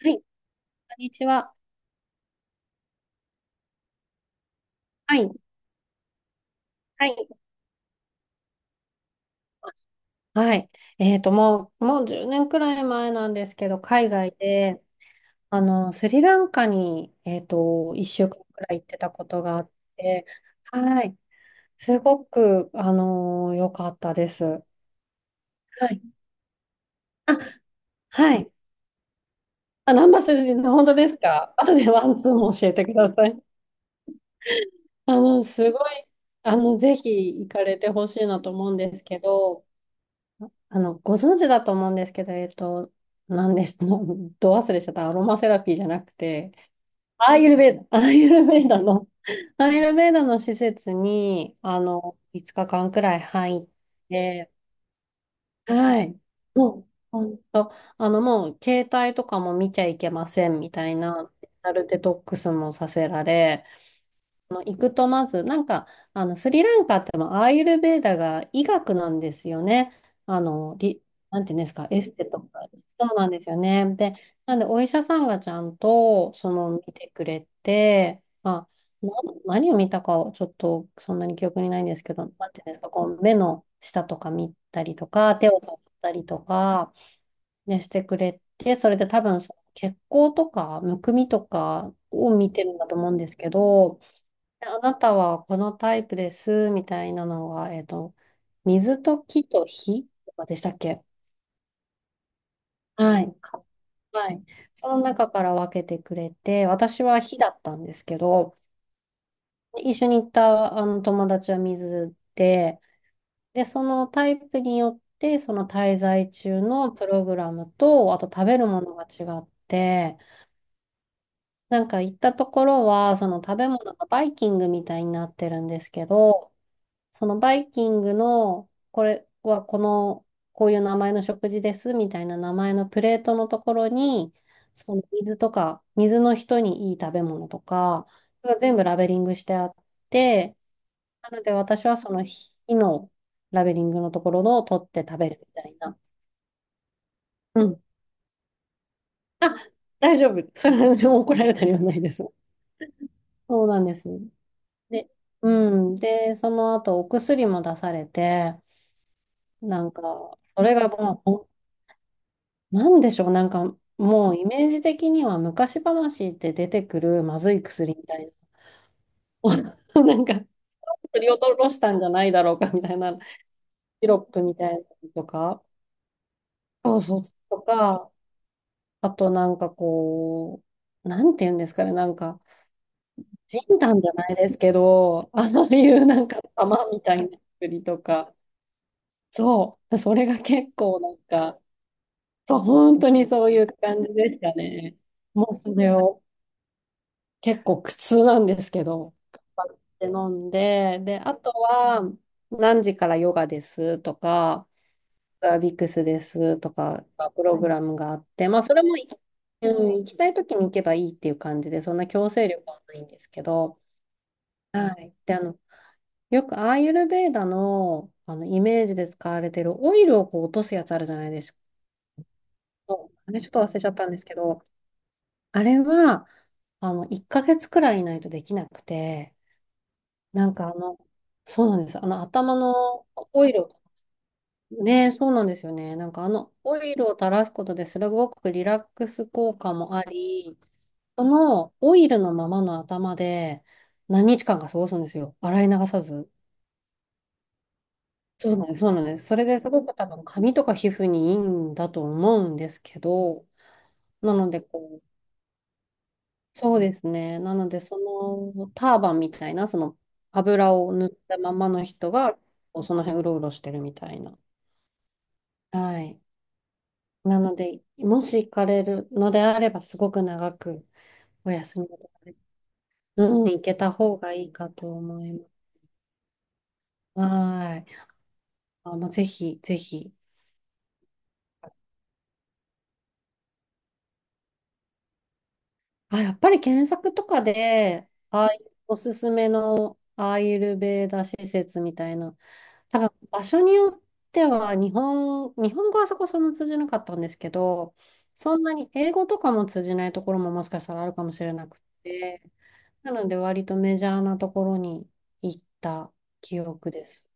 はい、こんにちは。はい、はい、はい。もう10年くらい前なんですけど、海外で、スリランカに、1週間くらい行ってたことがあって、はい、すごく、良かったです。はい。あ、はい。あ、ナンバスジの本当ですか？後でワンツーも教えてください。あの、すごい、あの、ぜひ行かれてほしいなと思うんですけど、ご存知だと思うんですけど、何です、ど忘れしちゃった、アロマセラピーじゃなくて、アーユルベーダ、アーユルベーダの、アーユルベーダの施設に、5日間くらい入って、はい。もう、ほんと、携帯とかも見ちゃいけませんみたいな、デジタルデトックスもさせられ、あの行くとまず、スリランカってもアーユルヴェーダが医学なんですよね。あの、り、なんていうんですか、エステとか、そうなんですよね。で、なんでお医者さんがちゃんと、その、見てくれて、あ、な、何を見たかをちょっとそんなに記憶にないんですけど、なんていうんですか、こう、目の下とか見たりとか、手を触ったりとか、ね、してくれて、それで多分、その血行とか、むくみとかを見てるんだと思うんですけど、あなたはこのタイプです、みたいなのが、水と木と火とかでしたっけ？はい。か、はい。その中から分けてくれて、私は火だったんですけど、一緒に行ったあの友達は水で、で、そのタイプによって、その滞在中のプログラムと、あと食べるものが違って、なんか行ったところは、その食べ物がバイキングみたいになってるんですけど、そのバイキングの、これはこの、こういう名前の食事ですみたいな名前のプレートのところに、その水とか、水の人にいい食べ物とか、それが全部ラベリングしてあって、なので私はその日のラベリングのところのを取って食べるみたいな。うん。あ、大丈夫。それは怒られたりはないです。そうなんです。で、うん。で、その後お薬も出されて、なんか、それがもうなんでしょう、もうイメージ的には昔話って出てくるまずい薬みたいな、なんか取り落としたんじゃないだろうかみたいな、シロップみたいなのとか、そうそう、とか、あとなんかこう、なんて言うんですかね、人丹じゃないですけど、あのいうなんか玉みたいな薬とか、そう、それが結構なんか、そう、本当にそういう感じでしたね。もうそれを。結構苦痛なんですけど、頑張って飲んで、で、あとは、何時からヨガですとか、ビックスですとか、プログラムがあって、まあ、それも、うん、行きたい時に行けばいいっていう感じで、そんな強制力はないんですけど、はい。で、よくアーユルヴェーダの、あのイメージで使われてるオイルをこう落とすやつあるじゃないですか。そうあれちょっと忘れちゃったんですけど、あれは、1ヶ月くらいいないとできなくて、なんかあの、そうなんです。あの頭のオイルを、ね、そうなんですよね。なんかあのオイルを垂らすことですごくリラックス効果もあり、そのオイルのままの頭で何日間か過ごすんですよ。洗い流さず。そうなんです。それですごく多分髪とか皮膚にいいんだと思うんですけど、なのでこう、そうですね。なのでそのターバンみたいな、その油を塗ったままの人が、こうその辺うろうろしてるみたいな。はい。なので、もし行かれるのであれば、すごく長くお休みを、うん、行けた方がいいかと思います。はい。あ、もうぜひ、ぜひ。あ、やっぱり検索とかで、ああいうおすすめのアーユルベーダ施設みたいな、多分場所によっては、日本語はそこそんな通じなかったんですけど、そんなに英語とかも通じないところももしかしたらあるかもしれなくて、なので割とメジャーなところに行った記憶です。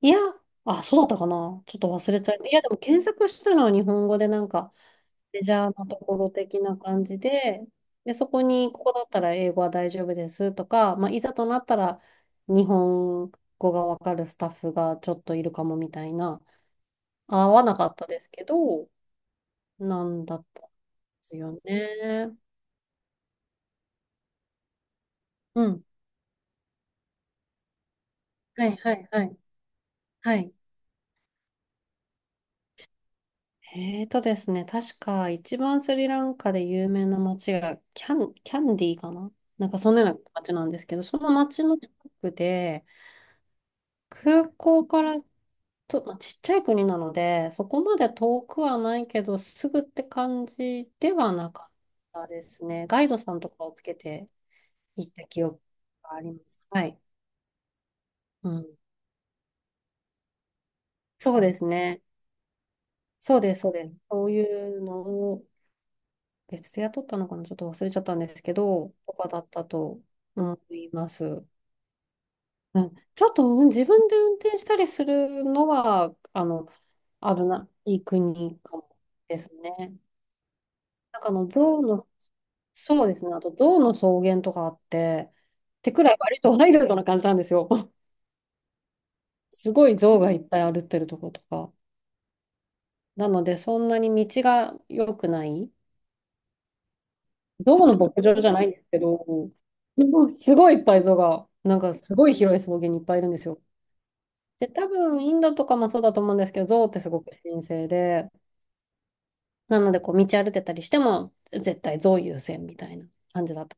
いや、あ、そうだったかな。ちょっと忘れちゃい、いや、でも検索したのは日本語でなんかメジャーなところ的な感じで、で、そこにここだったら英語は大丈夫ですとか、まあ、いざとなったら日本語がわかるスタッフがちょっといるかもみたいな、合わなかったですけど、なんだったんですよね。うん。はいはいはい。はい。えーとですね、確か一番スリランカで有名な街がキャンディーかな、なんかそんなような街なんですけど、その街の近くで、空港からと、まあ、ちっちゃい国なので、そこまで遠くはないけど、すぐって感じではなかったですね。ガイドさんとかをつけて行った記憶があります。はい。うん。そうですね。そうです。そういうのを別で雇ったのかな、ちょっと忘れちゃったんですけど、とかだったと思います。うん、ちょっと、うん、自分で運転したりするのは、危ない国かもですね。なんかあの、象の、そうですね、あと象の草原とかあって、ってくらい割とワイルドな感じなんですよ。すごい象がいっぱい歩ってるとことか。なので、そんなに道が良くない、象の牧場じゃないんですけど、すごいいっぱい象が、なんかすごい広い草原にいっぱいいるんですよ。で、多分インドとかもそうだと思うんですけど、象ってすごく神聖で、なのでこう道歩いてたりしても、絶対象優先みたいな感じだった。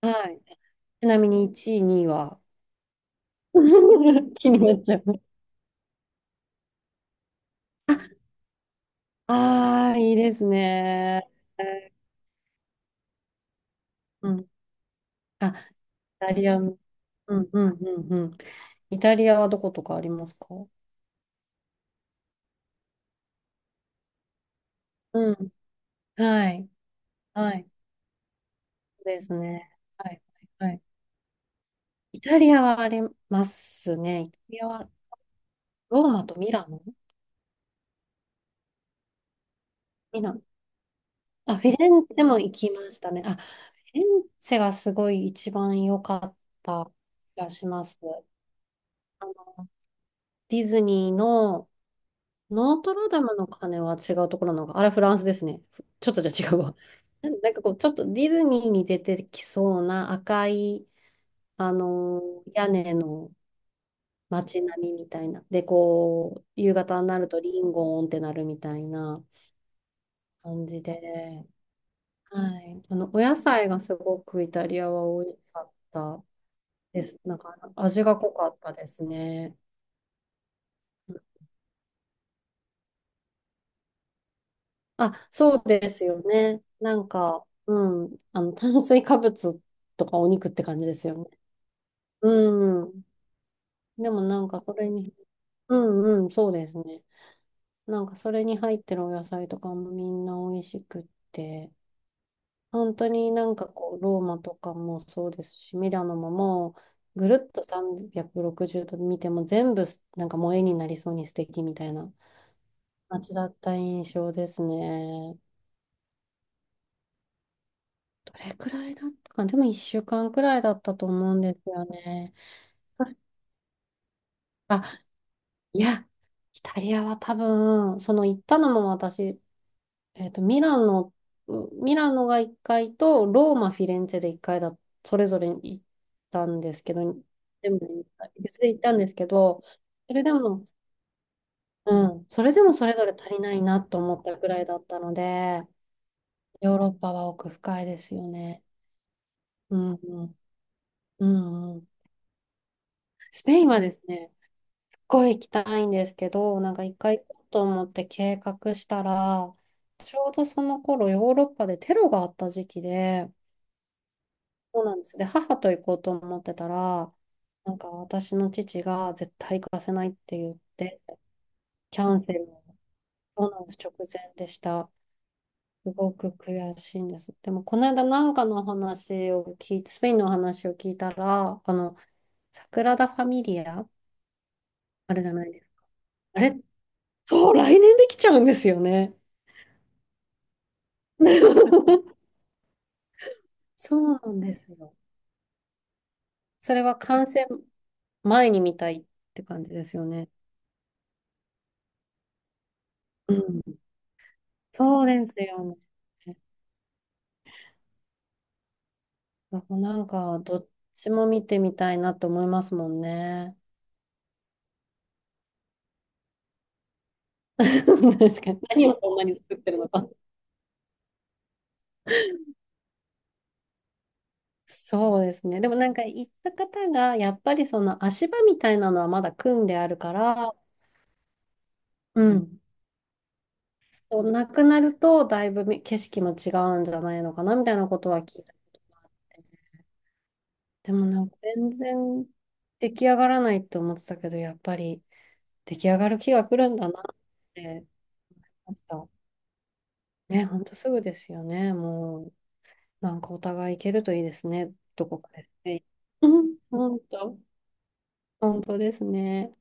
はい。ちなみに1位、2位は？ 気になっちゃう。ああ、いいですね。うん。あ、イタリアの、うんうんうんうん。イタリアはどことかありますか？うん。はい。はい。ですね。はい、はい。イタリアはありますね。イタリアはローマとミラノ、ミラノ。あ、フィレンツェも行きましたね。あ、フィレンツェがすごい一番良かった気がします。あの、ディズニーのノートルダムの鐘は違うところなのか。あれフランスですね。ちょっとじゃ違うわ。なんか、こう、ちょっとディズニーに出てきそうな赤い、あの屋根の街並みみたいな。で、こう、夕方になるとリンゴーンってなるみたいな感じで、はい。あの、お野菜がすごくイタリアは美味しかったです。なんか、味が濃かったですね。あ、そうですよね。なんか、うん、あの、炭水化物とかお肉って感じですよね。うん。でもなんか、それに、うんうん、そうですね。なんか、それに入ってるお野菜とかもみんな美味しくって。本当になんかこう、ローマとかもそうですし、ミラノももう、ぐるっと360度見ても全部すなんかもう絵になりそうに素敵みたいな街だった印象ですね。どれくらいだったかな、でも1週間くらいだったと思うんですよね。あ、いや、イタリアは多分、その行ったのも私、えっと、ミラノ、ミラノが1回と、ローマ、フィレンツェで1回だ、それぞれ行ったんですけど、でもね、別で行ったんですけど、それでも、うん、それでもそれぞれ足りないなと思ったくらいだったので、ヨーロッパは奥深いですよね。うん、うん、うんうん。スペインはですね、すっごい行きたいんですけど、なんか一回行こうと思って計画したら、ちょうどその頃ヨーロッパでテロがあった時期で、そうなんです。で、母と行こうと思ってたら、なんか私の父が絶対行かせないって言って、キャンセル、そうなんです、直前でした。すごく悔しいんです。でも、この間なんかの話を聞いて、スペインの話を聞いたら、あの、サグラダ・ファミリア、あれじゃないですか。あれ、そう、来年できちゃうんですよね。そうなんですよ。それは感染前に見たいって感じですよね。うん、そうですよね。なんかどっちも見てみたいなと思いますもんね。確かに。何をそんなに作ってるのか。そうですね。でもなんか行った方が、やっぱりその足場みたいなのはまだ組んであるから、うん。そうなくなると、だいぶみ景色も違うんじゃないのかな、みたいなことは聞いたことがあって。でもなんか全然出来上がらないって思ってたけど、やっぱり出来上がる日が来るんだなって思っました。ね、ほんとすぐですよね、もう。なんかお互い行けるといいですね。どこかですね。うん、本当、本当ですね。